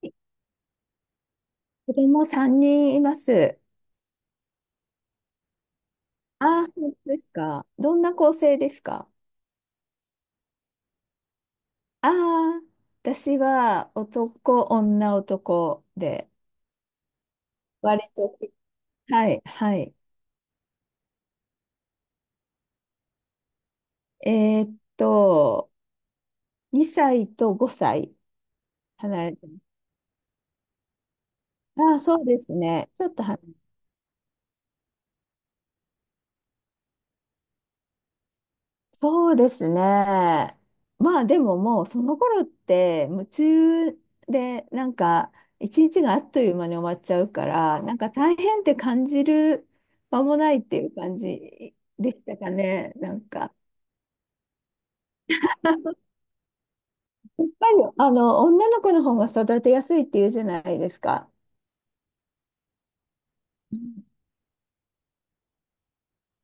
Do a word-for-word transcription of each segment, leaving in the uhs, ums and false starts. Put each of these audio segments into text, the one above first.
子供さんにんいます。ああ、本当ですか。どんな構成ですか？ああ、私は男、女、男で、割と、はい、はい。えーっと、にさいとごさい離れてます。ああ、そうですね。ちょっと離そうですね。まあでももうその頃って夢中でなんか一日があっという間に終わっちゃうからなんか大変って感じる間もないっていう感じでしたかね。なんか やっぱりあの女の子の方が育てやすいっていうじゃないですか。うん、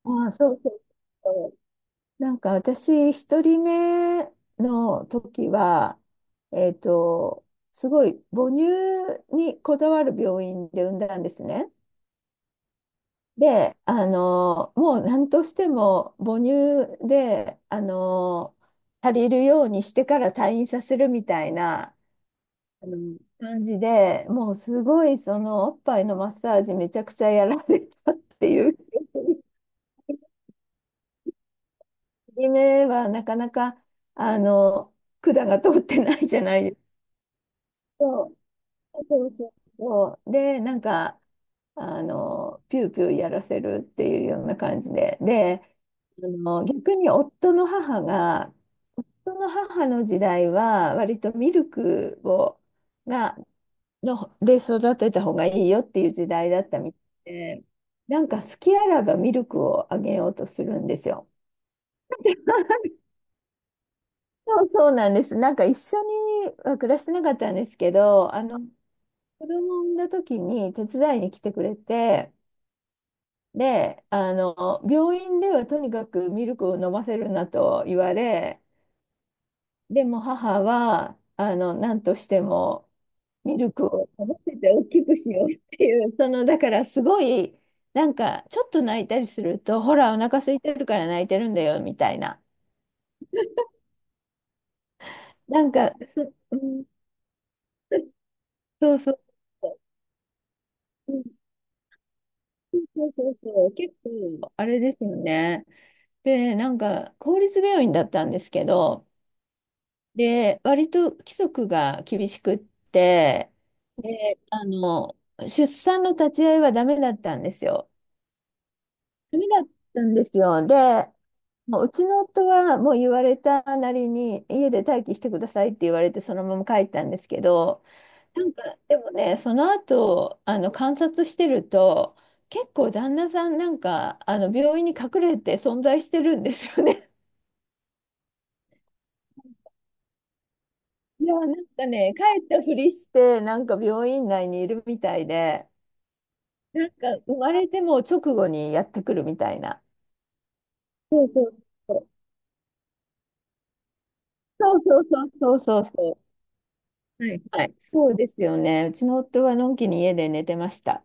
ああ、そうそう。なんか私、一人目の時は、えっと、すごい母乳にこだわる病院で産んだんですね。で、あの、もう何としても母乳で、あの、足りるようにしてから退院させるみたいなあの感じで、もうすごいそのおっぱいのマッサージめちゃくちゃやられたっていう。夢はなかなか、あの、管が通ってないじゃないですか。そう、そうそうそう。で、なんか、あの、ピューピューやらせるっていうような感じで。で、あの、逆に夫の母が、夫の母の時代は、割とミルクを、が、の、で育てた方がいいよっていう時代だったみたいで、なんか好きあらばミルクをあげようとするんですよ。そうそうなんです。なんか一緒には暮らしてなかったんですけど、あの子供を産んだ時に手伝いに来てくれて、で、あの病院ではとにかくミルクを飲ませるなと言われ、でも母はあの何としてもミルクを飲ませて大きくしようっていう、そのだからすごいなんかちょっと泣いたりすると、ほらお腹空いてるから泣いてるんだよみたいな、なんかそ、うん、そうそう。そうそうそう、結構、あれですよね。で、なんか、公立病院だったんですけど、で、割と規則が厳しくって、で、あの、出産の立ち会いはダメだったんですよ。ダメだったんですよ。で、もううちの夫はもう言われたなりに家で待機してくださいって言われてそのまま帰ったんですけど、なんかでもねその後あの観察してると結構旦那さんなんかあの病院に隠れて存在してるんですよね。いやなんかね帰ったふりしてなんか病院内にいるみたいで、なんか生まれても直後にやってくるみたいな。そうそうそうそうそうそうそうそうそう。はい、はい、そうですよね。うちの夫はのんきに家で寝てました。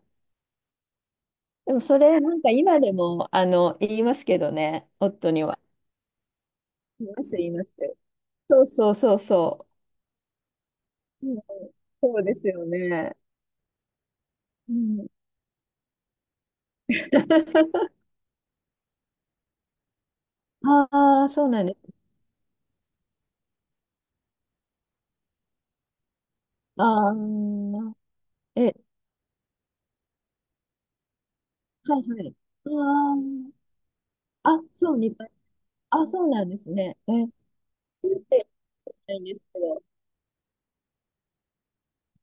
でもそれ、なんか今でも、あの、言いますけどね、夫には。言います、言います。そうそうそうそう。うん、そうですよね。うん、ああ、そうなんです。ああ、え、はいはい。ああ、あ、そう、似た。あ、そうなんですね。え、無痛ってないんですけど、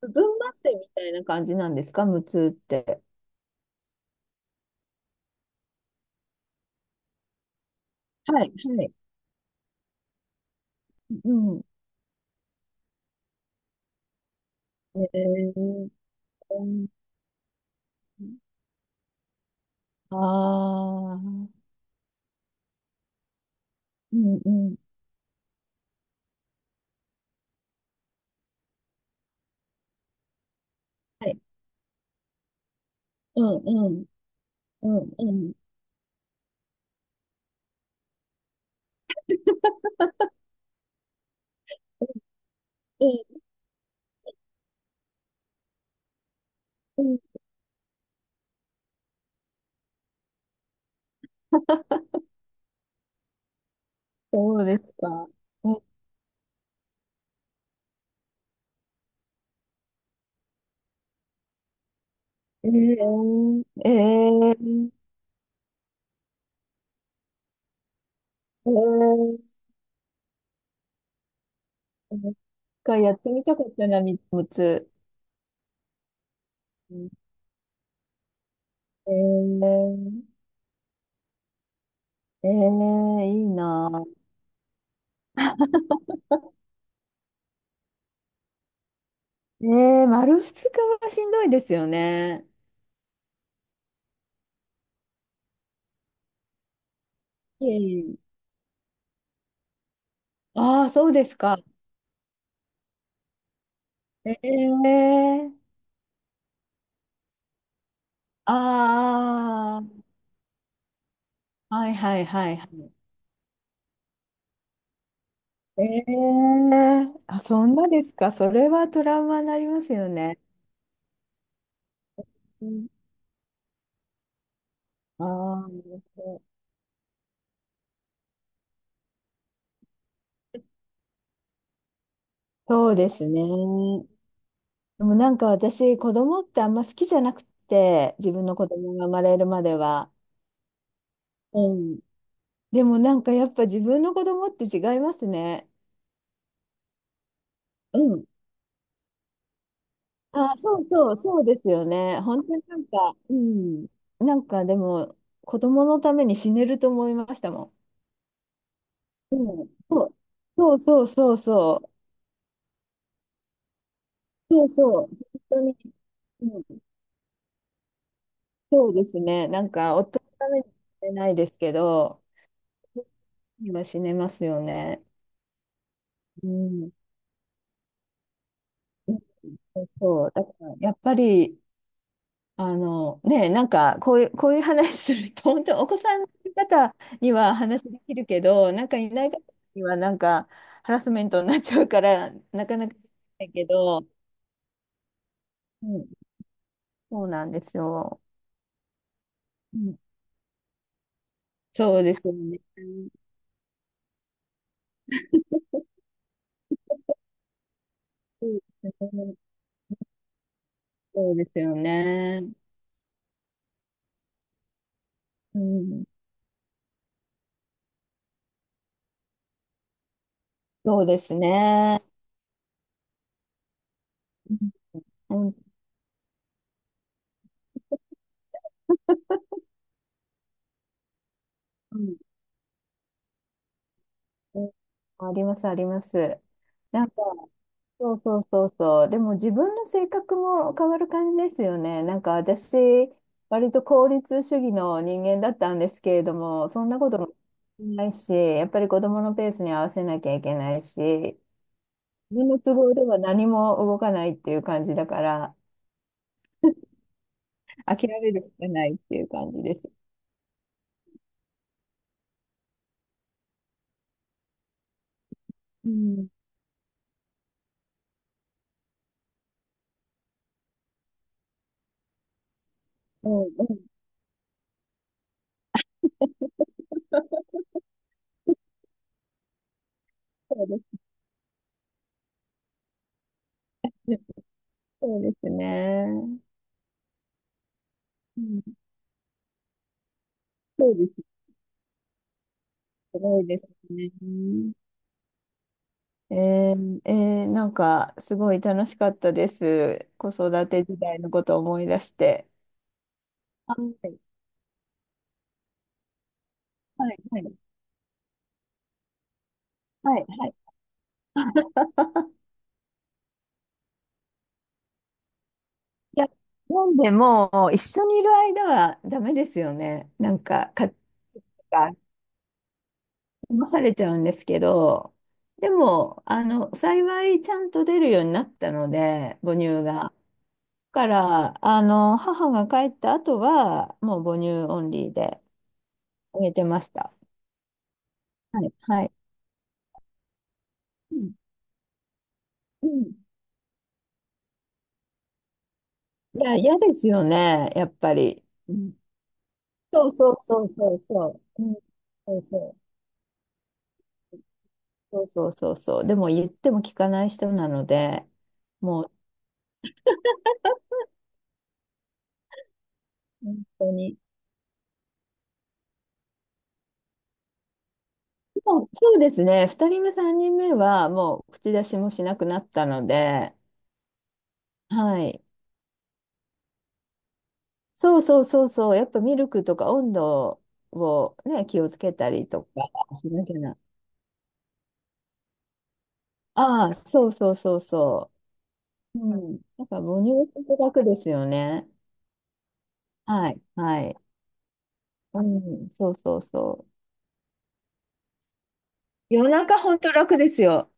部分麻酔みたいな感じなんですか、無痛って。はい、はい。うん。えー、こんああ、うんうん。はい。うんうん。うんうん。うんうん。そうですか。ええー、えー、えー、えー、一回やってみたかったな、三つ。うん、えー、えー、いいな。えー、丸二日はしんどいですよね。ええ、ああそうですか。ええー、ああ、はいはいはいはい。ええ、あ、そんなですか。それはトラウマになりますよね。うん、ああ、そうですね。でもなんか私、子供ってあんま好きじゃなくて、自分の子供が生まれるまでは。うん、でもなんかやっぱ自分の子供って違いますね。うん、あ、そうそう、そうですよね。本当になんか、うん。なんかでも、子供のために死ねると思いましたもん。うん、そう、そうそうそうそう。そうそう、本当に、うん、そうですね。なんか、夫のためには死ねないですけど、今死ねますよね。うん。そう、だからやっぱり、あの、ね、なんか、こういう、こういう話すると、本当にお子さんの方には話できるけど、なんかいない方には、なんか、ハラスメントになっちゃうから、なかなかできないけど、うん、そうなんですよ。うん、そうですよね。そうですね。そうですよね。うん、そうですね。うん、うん、うん、あります、あります。なんか、そうそうそうそう。でも自分の性格も変わる感じですよね。なんか私、割と効率主義の人間だったんですけれども、そんなこともないし、やっぱり子供のペースに合わせなきゃいけないし、自分の都合では何も動かないっていう感じだから、諦めるしかないっていう感じです。うん、うん、うん。そうです、そうですね。うん、そうです。すごいですね。えー、えーなんか、すごい楽しかったです。子育て時代のことを思い出して。はい、はい、はい。はい、はい。いや、なんでも、一緒にいる間はダメですよね。なんか、家庭が騙されちゃうんですけど、でも、あの、幸いちゃんと出るようになったので、母乳が。だから、あの、母が帰った後は、もう母乳オンリーで。見えてました。はい。はい。うん。うん、いや、嫌ですよね、やっぱり。うん、そうそうそうそうそう。うん、そうそう。そうそうそうそう。でも言っても聞かない人なので、もう本当に。でもそうですね。ふたりめ、さんにんめはもう口出しもしなくなったので、はい。そうそうそうそう。やっぱミルクとか温度をね、気をつけたりとかしなきゃな。ああ、そうそうそうそう。うん。だから母乳って楽ですよね。はい。はい。うん。そうそうそう。夜中ほんと楽ですよ。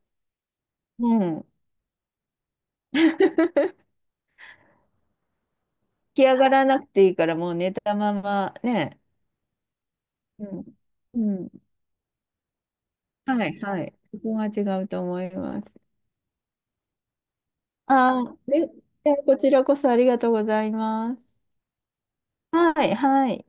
うん。起き上がらなくていいから、もう寝たままね。うん。うん。はい、はい。そこが違うと思います。ああ、で、でこちらこそありがとうございます。はい、はい。